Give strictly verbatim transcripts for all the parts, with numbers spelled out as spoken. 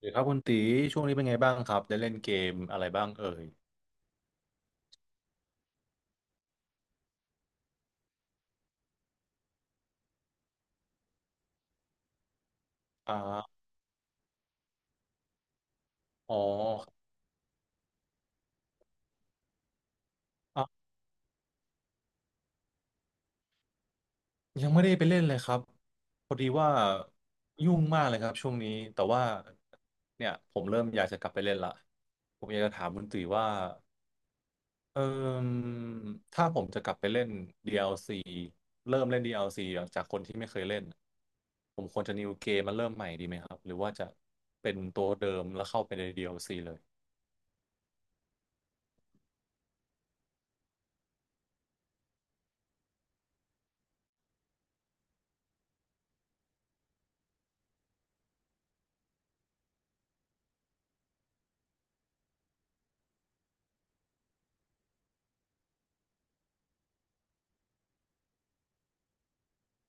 หรือครับคุณตีช่วงนี้เป็นไงบ้างครับได้เล่นเกมอะไรบ้างเอ่ยอ่าอ๋ออ่ะยังไม่ได้ไปเล่นเลยครับพอดีว่ายุ่งมากเลยครับช่วงนี้แต่ว่าเนี่ยผมเริ่มอยากจะกลับไปเล่นละผมอยากจะถามคุณตีว่าเออถ้าผมจะกลับไปเล่น ดี แอล ซี เริ่มเล่น ดี แอล ซี จากคนที่ไม่เคยเล่นผมควรจะ n e ว game มมาเริ่มใหม่ดีไหมครับหรือว่าจะเป็นตัวเดิมแล้วเข้าไปใน ดี แอล ซี เลย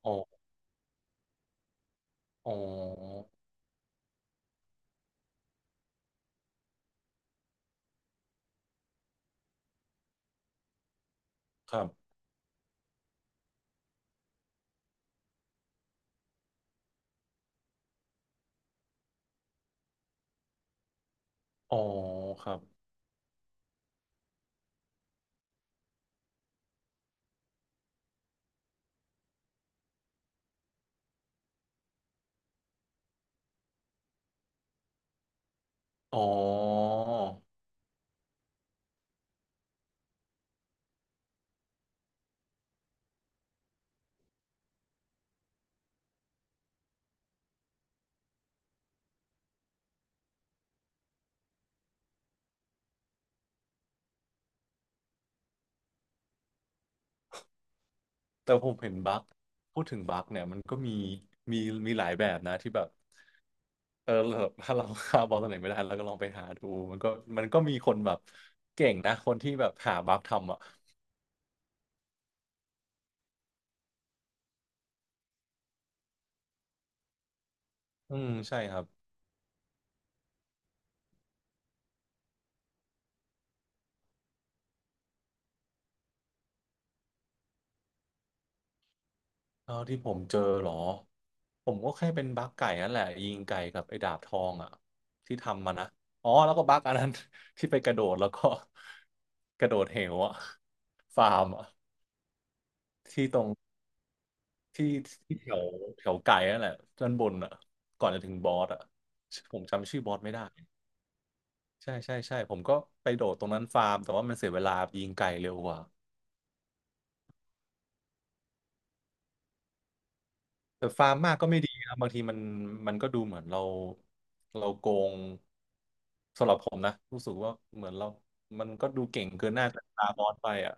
อ๋ออ๋อครับ อ๋อครับอ๋อแต่ผมเห็นบั๊กพูดถึงบั๊กเนี่ยมันก็มีมี มีหลายแบบนะที่แบบ เออแบบถ้าเราหาบอลตัวไหนไม่ได้เราก็ลองไปหาดูมันก็มันก็มีคนแบบเก่งนะคนที่แบบหาบั๊กทำอ่ะอืมใช่ครับเท่าที่ผมเจอเหรอ ผมก็แค่เป็นบั๊กไก่นั่นแหละยิงไก่กับไอ้ดาบทองอ่ะที่ทำมานะอ๋อแล้วก็บั๊กอันนั้น ที่ไปกระโดดแล้วก็ กระโดดเหวอ่ะฟาร์มอ่ะที่ตรง ที่ที่แถวแถวไก่นั่นแหละด้านบนอ่ะก่อนจะถึงบอสอ่ะผมจำชื่อบอสไม่ได้ใช่ใช่ใช่ผมก็ไปโดดตรงนั้นฟาร์มแต่ว่ามันเสียเวลายิงไก่เร็วกว่าแต่ฟาร์มมากก็ไม่ดีนะบางทีมันมันก็ดูเหมือนเราเราโกงสำหรับผมนะรู้สึกว่าเหมือนเรามันก็ดูเก่งเกินหน้าเกินตาบอสไปอ่ะ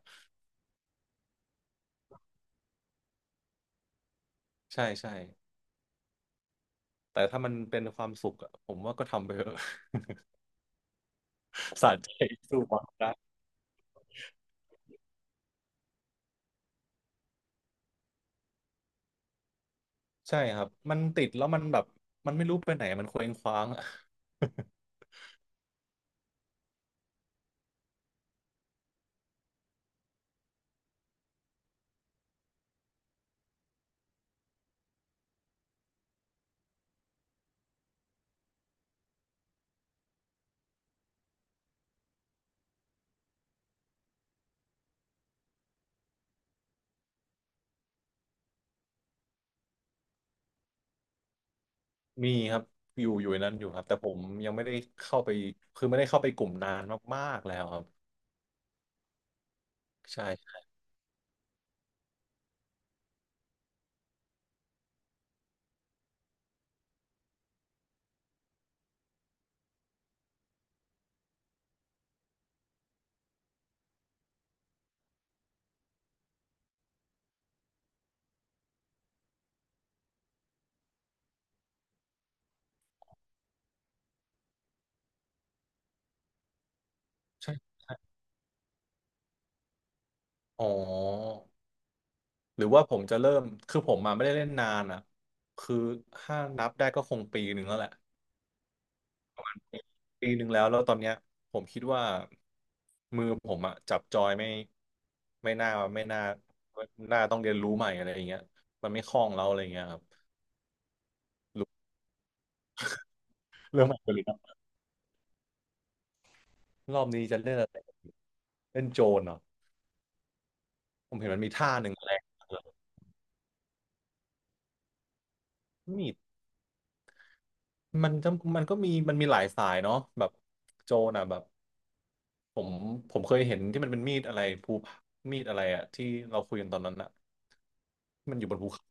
ใช่ใช่แต่ถ้ามันเป็นความสุขอ่ะผมว่าก็ทำไปเถอะ สะใจสู้บอสได้ ใช่ครับมันติดแล้วมันแบบมันไม่รู้ไปไหนมันเคว้งคว้างอะ มีครับอยู่อยู่ในนั้นอยู่ครับแต่ผมยังไม่ได้เข้าไปคือไม่ได้เข้าไปกลุ่มนานมากๆแล้วครับใช่ใช่อ๋อหรือว่าผมจะเริ่มคือผมมาไม่ได้เล่นนานอ่ะคือถ้านับได้ก็คงปีหนึ่งแล้วแหละปีหนึ่งแล้วแล้วตอนเนี้ยผมคิดว่ามือผมอะจับจอยไม่ไม่น่าไม่น่าน่าต้องเรียนรู้ใหม่อะไรอย่างเงี้ยมันไม่คล่องแล้วอะไรอย่างเงี้ยครับเริ่มอัปเดต รอบนี้จะเล่นอะไรเล่นโจรเนาะผมเห็นมันมีทั้งมีดมันจะมันก็มีมันมีหลายสายเนาะแบบโจรอ่ะแบบผมผมเคยเห็นที่มันเป็นมีดอะไรภูผามีดอะไรอะที่เราคุยกันตอนนั้นอะที่มันอยู่บนภูเขา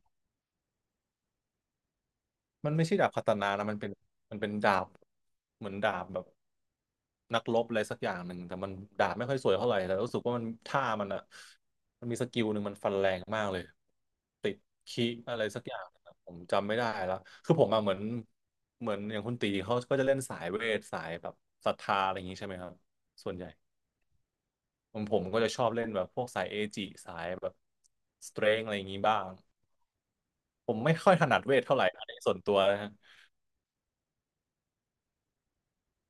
มันไม่ใช่ดาบคาตานานะมันเป็นมันเป็นดาบเหมือนดาบแบบ นักรบอะไรสักอย่างหนึ่งแต่มันดาบไม่ค่อยสวยเท่าไหร่แต่รู้สึกว่ามันท่ามันอ่ะมันมีสกิลหนึ่งมันฟันแรงมากเลยติดคิอะไรสักอย่างนะผมจำไม่ได้แล้วคือผมอะเหมือนเหมือนอย่างคุณตีเขาก็จะเล่นสายเวทสายแบบศรัทธาอะไรอย่างนี้ใช่ไหมครับส่วนใหญ่ผมผมก็จะชอบเล่นแบบพวกสายเอจิสายแบบสเตรงอะไรอย่างนี้บ้างผมไม่ค่อยถนัดเวทเท่าไหร่อันนี้ส่วนตัวนะฮะ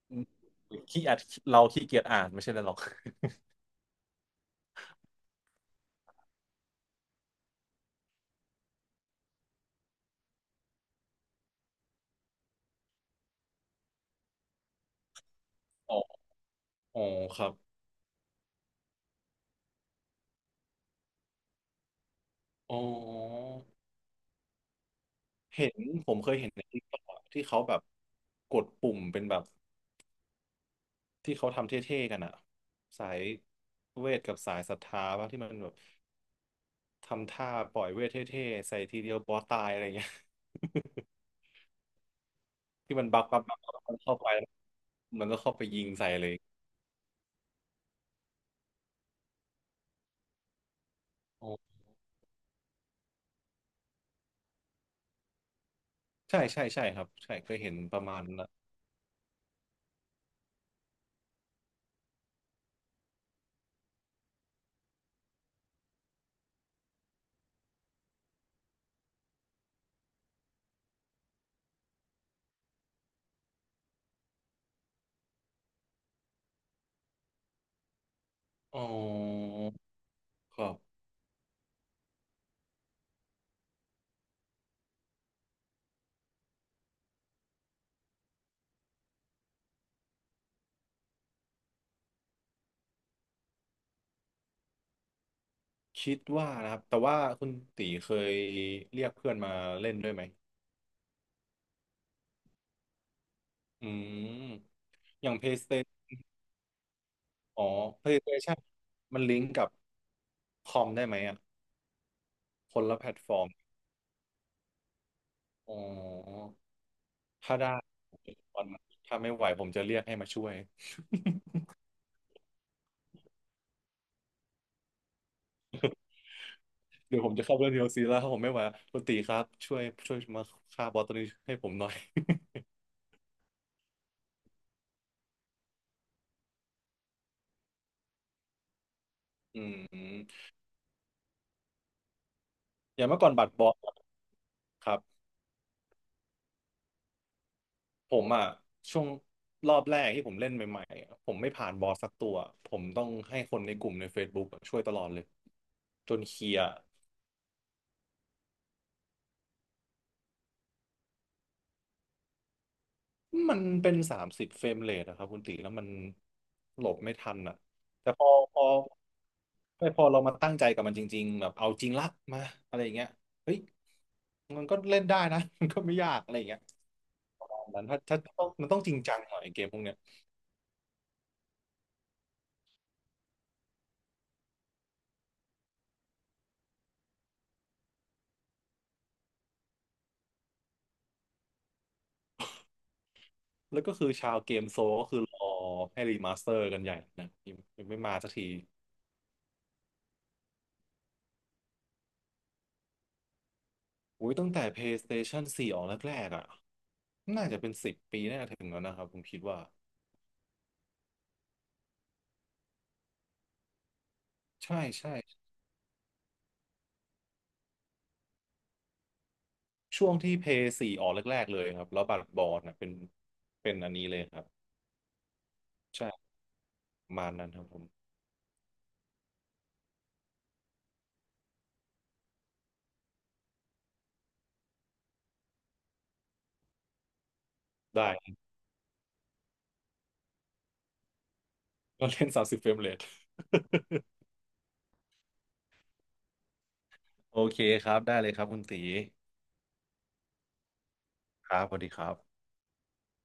อืมขี้อัดเราขี้เกียจอ่านไม่ใช่อะไรหรอกอ๋ออ๋อครับอ๋อ เห็นผมเคยเห็นในทิกอะที่เขาแบบกดปุ่มเป็นแบบที่เขาทำเท่ๆกันอะสายเวทกับสายศรัทธาป่ะที่มันแบบทำท่าปล่อยเวทเท่ๆใส่ทีเดียวบอสตายอะไรเงี้ย ที่มันบักบักบักบักมันเข้าไปแล้วมันก็เข้าไปยิงใส่เลยอ๋อใช่ใช่ใช่ครับใช่เคยเห็นประมาณนั้นอะอ๋อก็คิดว่านะครับแต่ว่าคุณตีเคยเรียกเพื่อนมาเล่นด้วยไหมอืมอย่าง PlayStation อ๋อ PlayStation มันลิงก์กับคอมได้ไหมอ่ะคนละแพลตฟอร์มอ๋อถ้าได้วันนั้นถ้าไม่ไหวผมจะเรียกให้มาช่วยเดี๋ยวผมจะเข้าเรื่องเดียวซีแล้วผมไม่ไหวคุณตีครับช่วยช่วยมาฆ่าบอสตัวนี้ให้ผมหน่อย อืมอย่างเมื่อก่อนบัตรบอสครับผมอ่ะช่วงรอบแรกที่ผมเล่นใหม่ๆอะผมไม่ผ่านบอสสักตัวผมต้องให้คนในกลุ่มใน Facebook อะช่วยตลอดเลยจนเคลียร์ มันเป็นสามสิบเฟรมเรทอะครับคุณตีแล้วมันหลบไม่ทันอะแต่พอพอไม่พอเรามาตั้งใจกับมันจริงๆแบบเอาจริงละมาอะไรอย่างเงี้ยเฮ้ยมันก็เล่นได้นะ มันก็ไม่ยากอะไรอย่างเงี้ยตอนนั้นถ้าถ้าต้องมันต้องจริงจังหน่อยเกมพวกเนี้ยแล้วก็คือชาวเกมโซลก็คือรอให้รีมาสเตอร์กันใหญ่นะยังยังไม่มาสักทีอุ้ยตั้งแต่ PlayStation โฟร์ออกแรกๆอะน่าจะเป็นสิบปีน่าจะถึงแล้วนะครับผมคิดว่าใช่ใช่ ช่วงที่เพย์สี่ออกแรกๆเลยครับแล้วบัตรบอลนะเป็นเป็นอันนี้เลยครับใช่ประมาณนั้นครับผมได้ ก็เล่นสามสิบเฟรมเรท โอเคครับได้เลยครับคุณตีครับสวัสดีครับ